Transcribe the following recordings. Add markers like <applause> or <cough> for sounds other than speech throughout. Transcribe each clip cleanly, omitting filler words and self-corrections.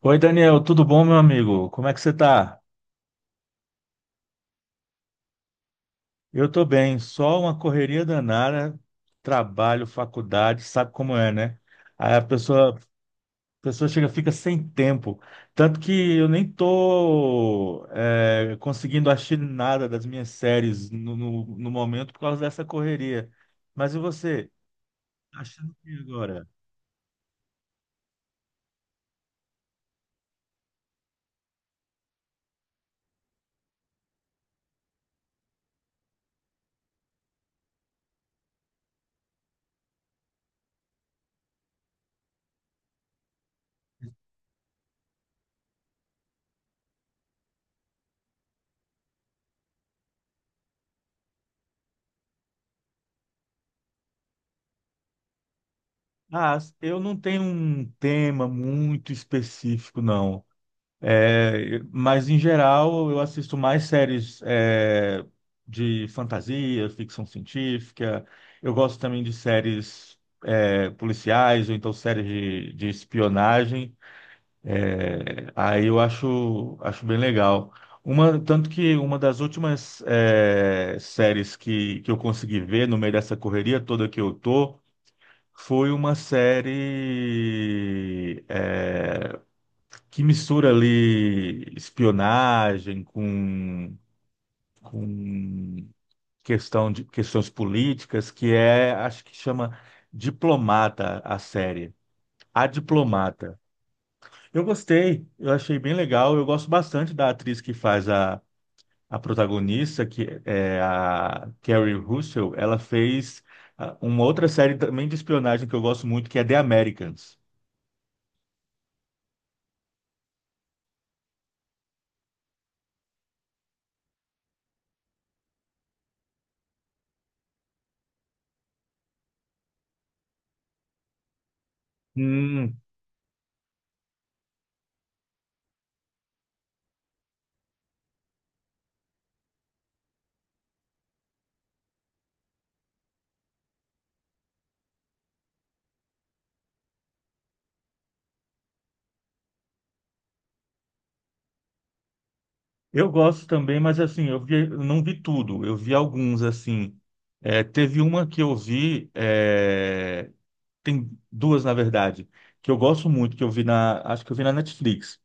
Oi, Daniel, tudo bom, meu amigo? Como é que você tá? Eu tô bem, só uma correria danada, trabalho, faculdade, sabe como é, né? Aí a pessoa chega, fica sem tempo. Tanto que eu nem tô conseguindo assistir nada das minhas séries no momento por causa dessa correria. Mas e você? Tá achando o que agora? Ah, eu não tenho um tema muito específico, não. É, mas, em geral, eu assisto mais séries de fantasia, ficção científica. Eu gosto também de séries policiais ou então séries de espionagem. É, aí eu acho bem legal. Tanto que uma das últimas séries que eu consegui ver no meio dessa correria toda que eu tô foi uma série, que mistura ali espionagem com questão de questões políticas, acho que chama Diplomata a série. A Diplomata. Eu gostei, eu achei bem legal, eu gosto bastante da atriz que faz a protagonista, que é a Kerry Russell, ela fez uma outra série também de espionagem que eu gosto muito, que é The Americans. Hum. Eu gosto também, mas assim, eu vi, eu não vi tudo, eu vi alguns, assim. É, teve uma que eu vi, tem duas, na verdade, que eu gosto muito, que eu vi acho que eu vi na Netflix.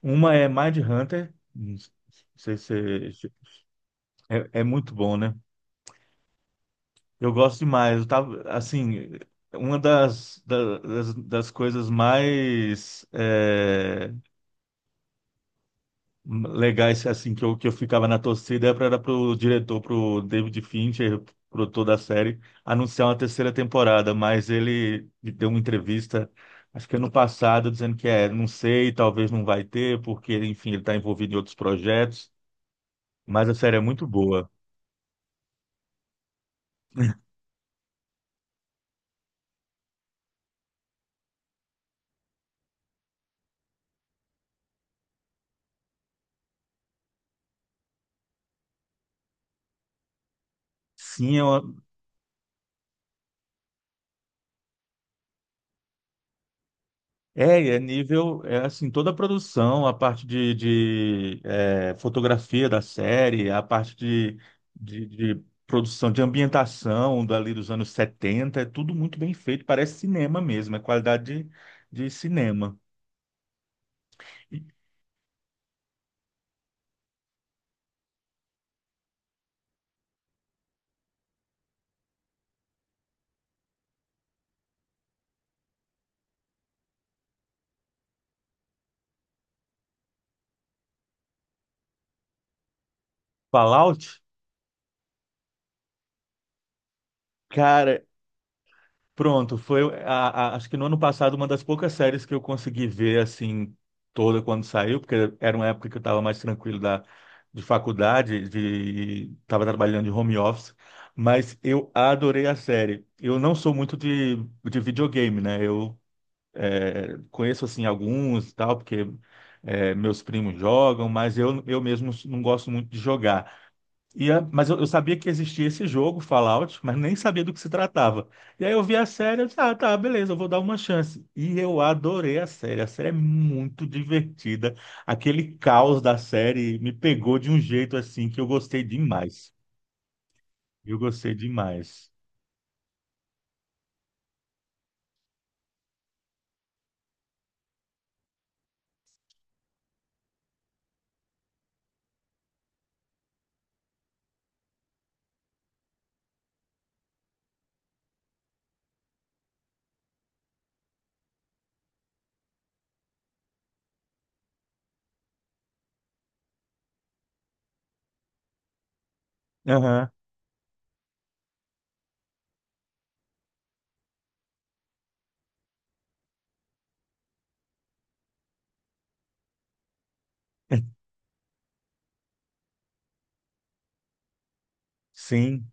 Uma é Mindhunter, não sei se muito bom, né? Eu gosto demais, eu tava, assim, uma das coisas mais legais assim que eu ficava na torcida era para pro diretor, pro David Fincher, produtor da série, anunciar uma terceira temporada, mas ele deu uma entrevista, acho que ano passado, dizendo não sei, talvez não vai ter, porque, enfim, ele está envolvido em outros projetos, mas a série é muito boa. Sim, é uma. É, e é nível, é assim, toda a produção, a parte de fotografia da série, a parte de produção, de ambientação dali dos anos 70 é tudo muito bem feito, parece cinema mesmo, é qualidade de cinema. E Fallout, cara. Pronto, foi acho que no ano passado uma das poucas séries que eu consegui ver assim toda quando saiu, porque era uma época que eu estava mais tranquilo da de faculdade, de estava trabalhando de home office, mas eu adorei a série. Eu não sou muito de videogame, né? Eu conheço assim alguns e tal, porque meus primos jogam, mas eu mesmo não gosto muito de jogar. Mas eu sabia que existia esse jogo, Fallout, mas nem sabia do que se tratava. E aí eu vi a série, eu disse, ah, tá, beleza, eu vou dar uma chance. E eu adorei a série. A série é muito divertida. Aquele caos da série me pegou de um jeito assim que eu gostei demais. Eu gostei demais. Aham. <laughs> Sim,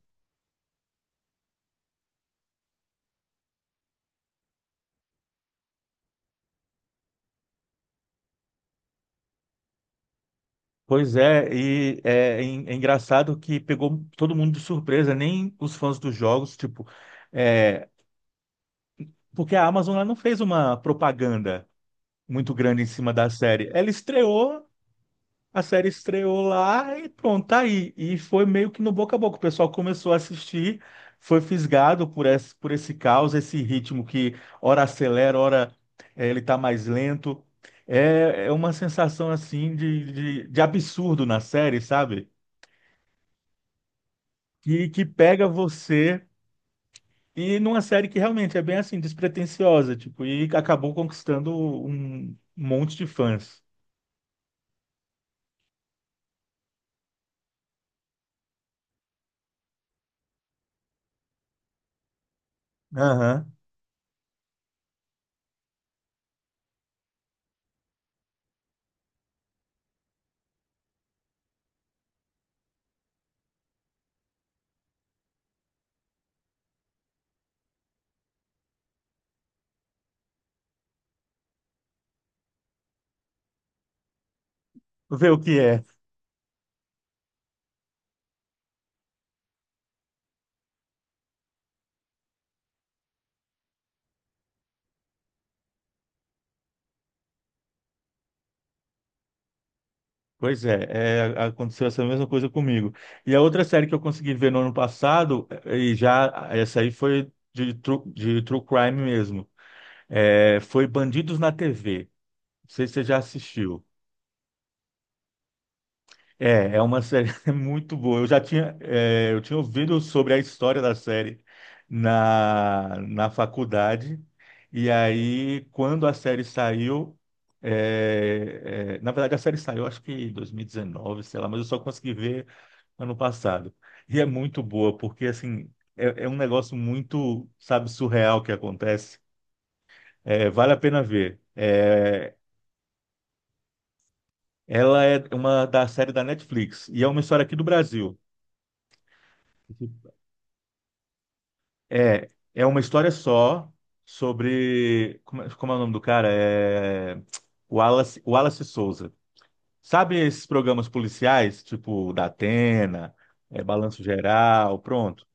pois é engraçado que pegou todo mundo de surpresa, nem os fãs dos jogos, tipo, é, porque a Amazon ela não fez uma propaganda, muito grande em cima da série. A série estreou lá e pronto, tá aí. E foi meio que no boca a boca. O pessoal começou a assistir, foi fisgado por esse caos, esse ritmo que ora acelera, ora ele tá mais lento. É uma sensação assim de absurdo na série, sabe? Que pega você. E numa série que realmente é bem assim, despretensiosa, tipo, e acabou conquistando um monte de fãs. Aham. Vê o que é. Pois é, aconteceu essa mesma coisa comigo. E a outra série que eu consegui ver no ano passado, e já essa aí foi de true crime mesmo, foi Bandidos na TV. Não sei se você já assistiu. É uma série <laughs> muito boa. Eu tinha ouvido sobre a história da série na faculdade, e aí quando a série saiu, na verdade a série saiu acho que em 2019, sei lá, mas eu só consegui ver ano passado. E é muito boa, porque assim, é um negócio muito, sabe, surreal que acontece. É, vale a pena ver. Ela é uma da série da Netflix e é uma história aqui do Brasil. É, é uma história só sobre. É como é o nome do cara? É Wallace Souza. Sabe esses programas policiais, tipo da Atena, Balanço Geral, pronto?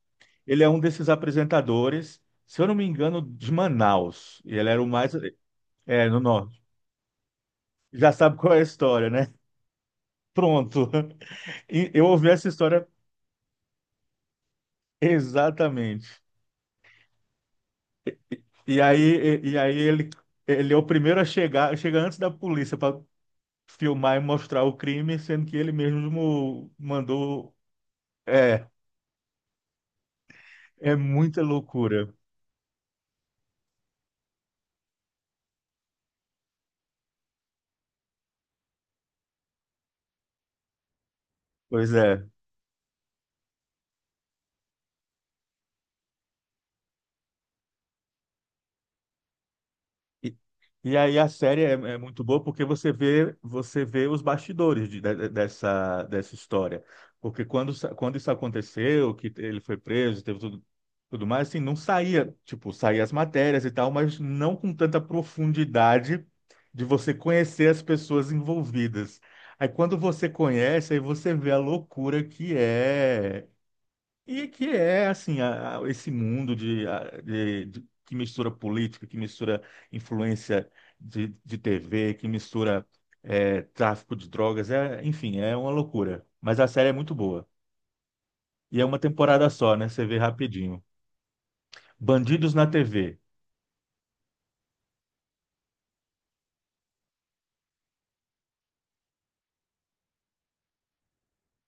Ele é um desses apresentadores, se eu não me engano, de Manaus. Ele era o mais. É, no norte. Já sabe qual é a história, né? Pronto. <laughs> E eu ouvi essa história exatamente. E aí ele é o primeiro a chegar, chega antes da polícia para filmar e mostrar o crime, sendo que ele mesmo mandou. É, é muita loucura. Pois é. E aí a série é muito boa porque você vê os bastidores dessa história. Porque quando isso aconteceu, que ele foi preso, teve tudo mais, assim, não saía, tipo, saía as matérias e tal, mas não com tanta profundidade de você conhecer as pessoas envolvidas. Aí quando você conhece, aí você vê a loucura que é e que é, assim, esse mundo de, a- de- de- que mistura política, que mistura influência de TV, que mistura tráfico de drogas, enfim, é uma loucura. Mas a série é muito boa. E é uma temporada só, né? Você vê rapidinho. Bandidos na TV.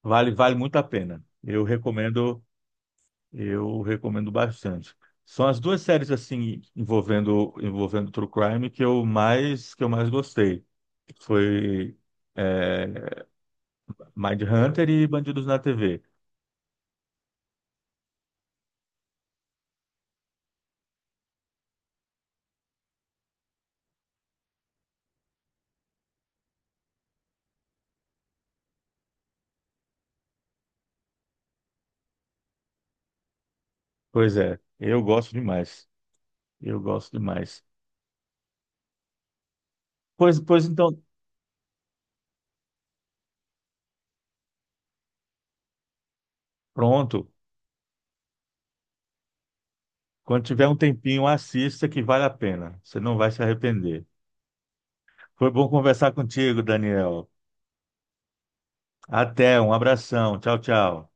Vale muito a pena. Eu recomendo bastante. São as duas séries, assim, envolvendo True Crime que eu mais gostei. Foi. é, Mindhunter e Bandidos na TV. Pois é, eu gosto demais. Eu gosto demais. Pois então, pronto. Quando tiver um tempinho, assista que vale a pena. Você não vai se arrepender. Foi bom conversar contigo, Daniel. Até, um abração. Tchau, tchau.